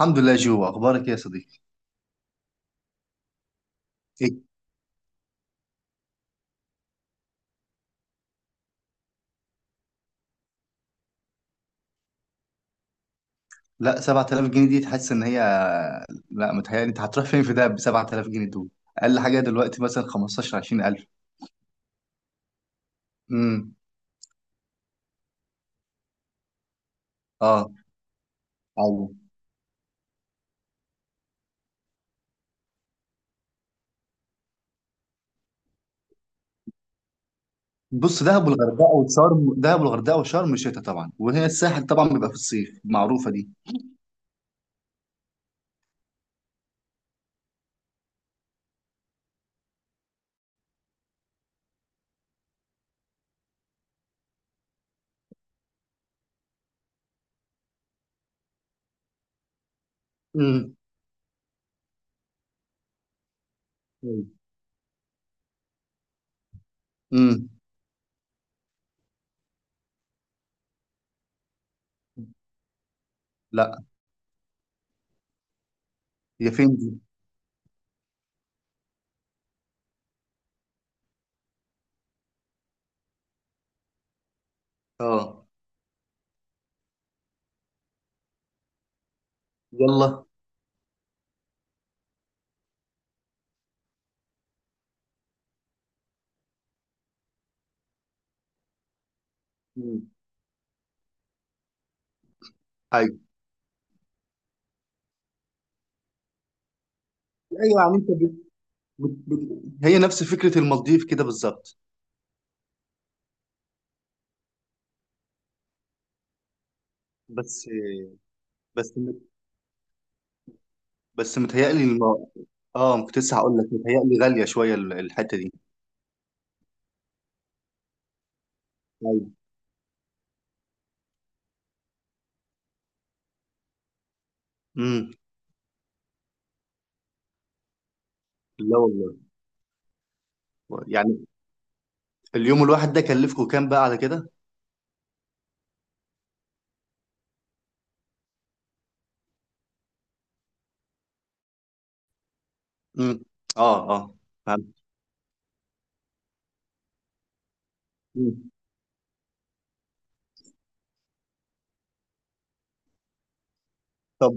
الحمد لله جو، اخبارك إيه يا صديقي؟ إيه؟ لا، 7000 جنيه دي تحس ان هي. لا متهيألي انت هتروح فين في دهب ب 7000 جنيه دول؟ اقل حاجه دلوقتي مثلا 15 20000. امم. اه. ايوه. بص، دهب والغردقه وشرم، دهب والغردقه وشرم شتاء طبعا، وهي الساحل طبعا بيبقى في الصيف، معروفه دي. امم. امم. لا، هي فين دي؟ اه. يلا. مم. ايوه. ايوه يعني انت هي نفس فكره المالديف كده بالظبط. بس بس بس متهيألي. اه، ما كنت لسه هقول لك متهيألي غالية شوية الحتة دي. ايوه. امم. لا والله. يعني اليوم الواحد ده كلفكم كام بقى على كده؟ امم. اه اه. فهمت. مم. طب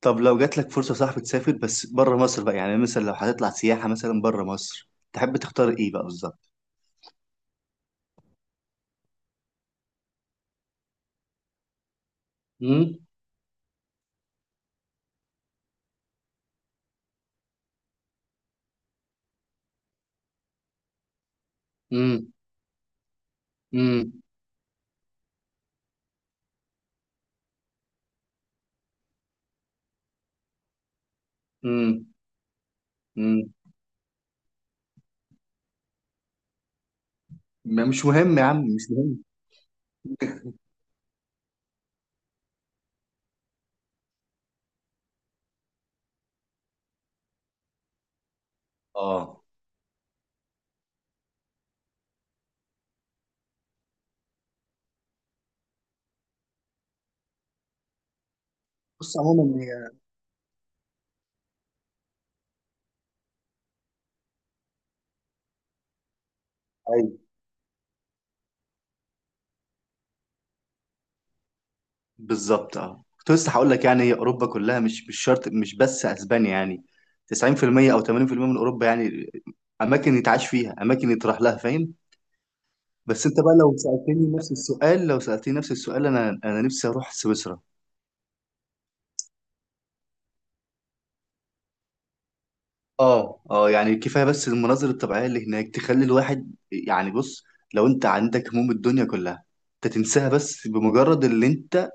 طب لو جات لك فرصة صاحبي تسافر بس بره مصر بقى، يعني مثلا لو هتطلع سياحة مثلا بره مصر، تحب تختار ايه بقى بالظبط؟ امم. امم. امم. امم. امم. مش مهم يا عم، مش مهم. اه. بص عموما، هي بالظبط. اه، كنت لسه هقول لك يعني هي اوروبا كلها، مش مش شرط مش بس اسبانيا يعني. 90% او 80% من اوروبا يعني. اماكن يتعاش فيها، اماكن يتراح لها، فاهم. بس انت بقى لو سالتني نفس السؤال، لو سالتني نفس السؤال، انا انا نفسي اروح سويسرا. اه اه، يعني كفايه بس المناظر الطبيعيه اللي هناك تخلي الواحد يعني. بص، لو انت عندك هموم الدنيا كلها، انت تنساها بس بمجرد اللي انت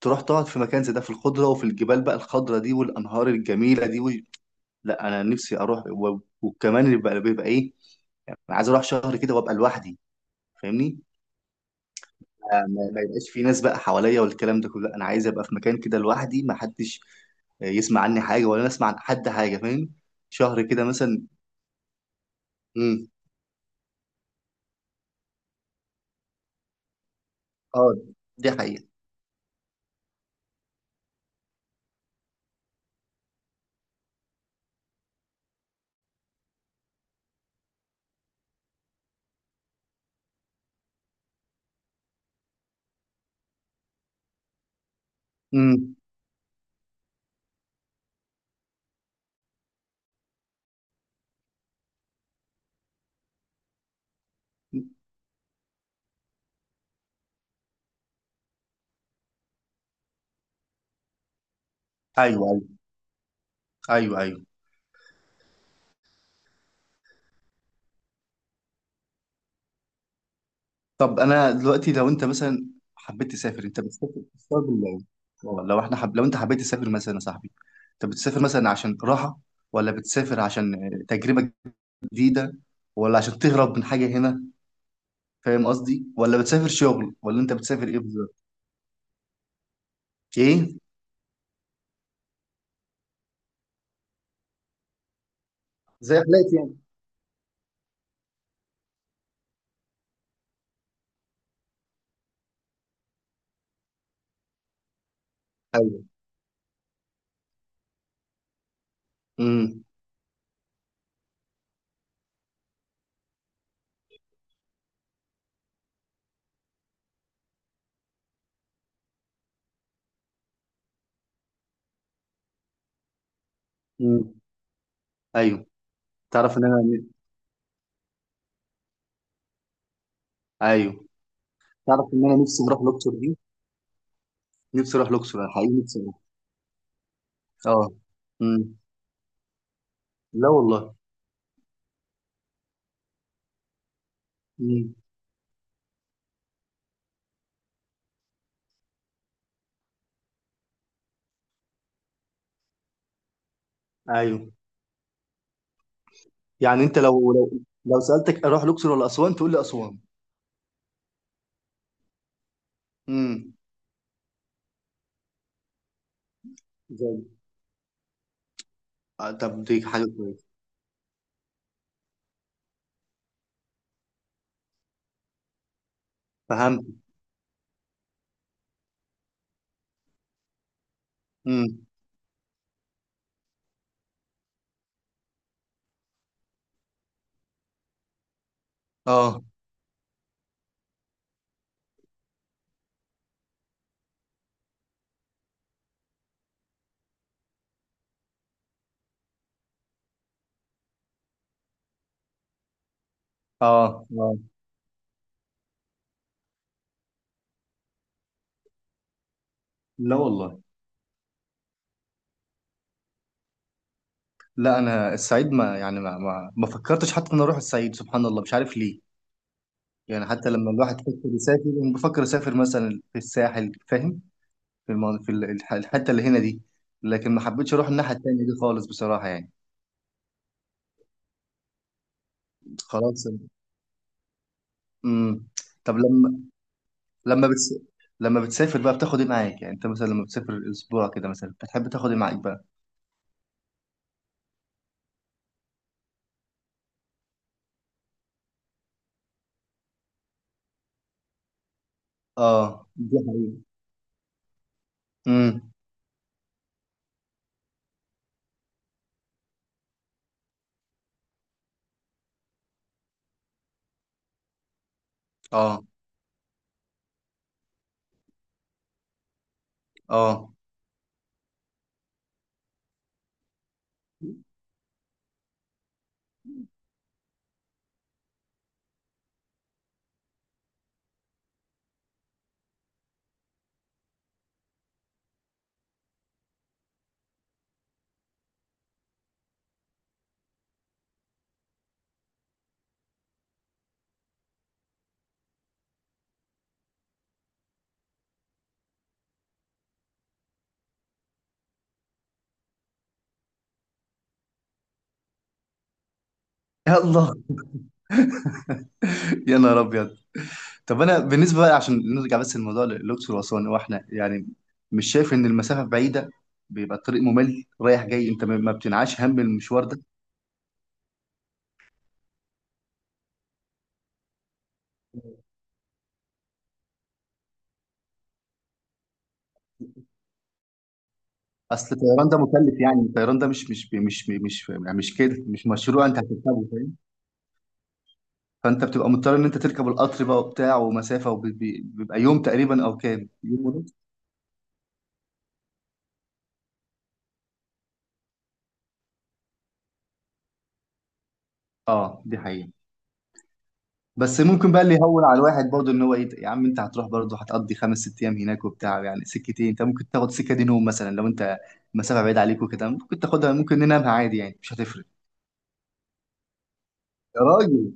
تروح تقعد في مكان زي ده، في الخضره وفي الجبال بقى، الخضره دي والانهار الجميله دي. لا انا نفسي اروح وكمان اللي بيبقى بيبقى ايه، انا عايز اروح شهر كده وابقى لوحدي، فاهمني. ما يبقاش في ناس بقى حواليا والكلام ده كله، لا، انا عايز ابقى في مكان كده لوحدي، ما حدش يسمع عني حاجه ولا انا اسمع عن حد حاجه، فاهم. شهر كده مثلا. امم. اه دي حقيقه. امم. ايوه. ايوه. ايوه. ايوه. طب انا دلوقتي، لو انت مثلا حبيت تسافر، انت بتسافر بتسافر بالله؟ اه، لو احنا لو انت حبيت تسافر مثلا يا صاحبي، انت بتسافر مثلا عشان راحه، ولا بتسافر عشان تجربه جديده، ولا عشان تهرب من حاجه هنا؟ فاهم قصدي؟ ولا بتسافر شغل، ولا انت بتسافر ايه بالظبط؟ ايه؟ زي حالاتي يعني. ايوه. امم. امم. ايوه. تعرف ان انا. ايوه. تعرف ان انا نفسي اروح الاقصر دي، نفسي اروح الاقصر، انا حقيقي نفسي اروح. اه. امم. لا والله. امم. ايوه. يعني انت لو لو سالتك اروح الاقصر ولا اسوان، تقول لي اسوان. امم. زي. آه، طب دي حاجه كويسه. فهمت. امم. اه اه اه. لا والله. لا انا الصعيد ما يعني ما فكرتش حتى ان أنا اروح الصعيد، سبحان الله مش عارف ليه. يعني حتى لما الواحد يفكر يسافر، انا بفكر اسافر مثلا في الساحل، فاهم. في في الحته اللي هنا دي، لكن ما حبيتش اروح الناحيه التانيه دي خالص بصراحه يعني. خلاص. امم. طب لما، لما بتس... لما بتسافر بقى بتاخد ايه معاك؟ يعني انت مثلا لما بتسافر اسبوع كده مثلا، بتحب تاخد ايه معاك بقى؟ اه دي حقيقة. امم. اه اه. يلا. يا نهار ابيض. طب انا بالنسبه بقى، عشان نرجع بس الموضوع للاقصر واسوان، هو احنا يعني مش شايف ان المسافه بعيده؟ بيبقى الطريق ممل رايح جاي، انت ما بتنعاش هم المشوار ده؟ اصل الطيران ده مكلف يعني، الطيران ده مش يعني مش كده، مش مشروع انت هتركبه، فاهم. فانت بتبقى مضطر ان انت تركب القطر بقى وبتاع ومسافه، وبيبقى يوم تقريبا او كام يوم ونص. اه دي حقيقه. بس ممكن بقى اللي يهون على الواحد برضه ان هو ايه، يا عم انت هتروح برضه هتقضي خمس ست ايام هناك وبتاع، يعني سكتين انت ممكن تاخد سكه دي نوم مثلا لو انت مسافه بعيد عليك وكده، ممكن تاخدها، ممكن ننامها عادي يعني، مش هتفرق. يا راجل.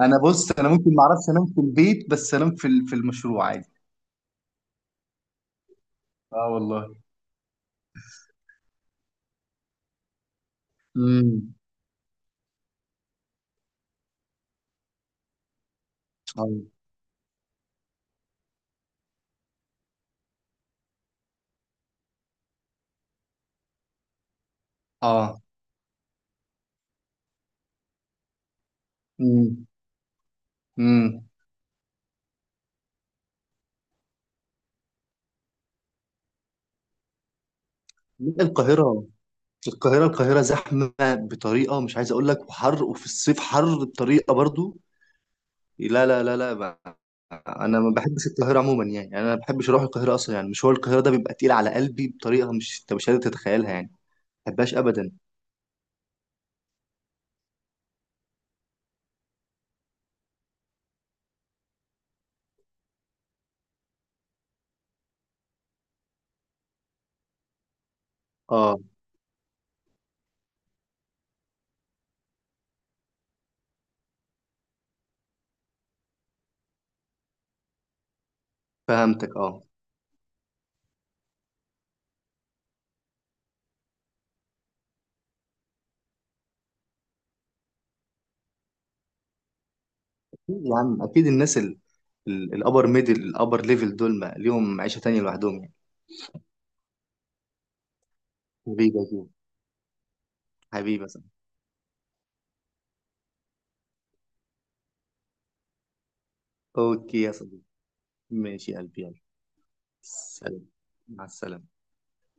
انا بص، انا ممكن ما اعرفش انام في البيت بس انام في في المشروع عادي. اه والله. امم. اه اه. امم. امم. القاهره، القاهره زحمه بطريقه مش عايز اقول لك، وحر، وفي الصيف حر بطريقه برضه. لا لا لا لا ما. انا ما بحبش القاهره عموما يعني، يعني انا ما بحبش اروح القاهره اصلا، يعني مشوار القاهره ده بيبقى تقيل على قلبي بطريقه مش انت مش قادر تتخيلها يعني. ما بحبهاش ابدا. اه فهمتك. اه يا عم، اكيد الناس، الابر ميدل الابر ليفل دول ما ليهم عيشه تانية لوحدهم يعني. حبيبي يا جو. حبيبي يا صاحبي. اوكي يا صديقي. ماشي يا قلبي، يلا. سلام. مع السلامه.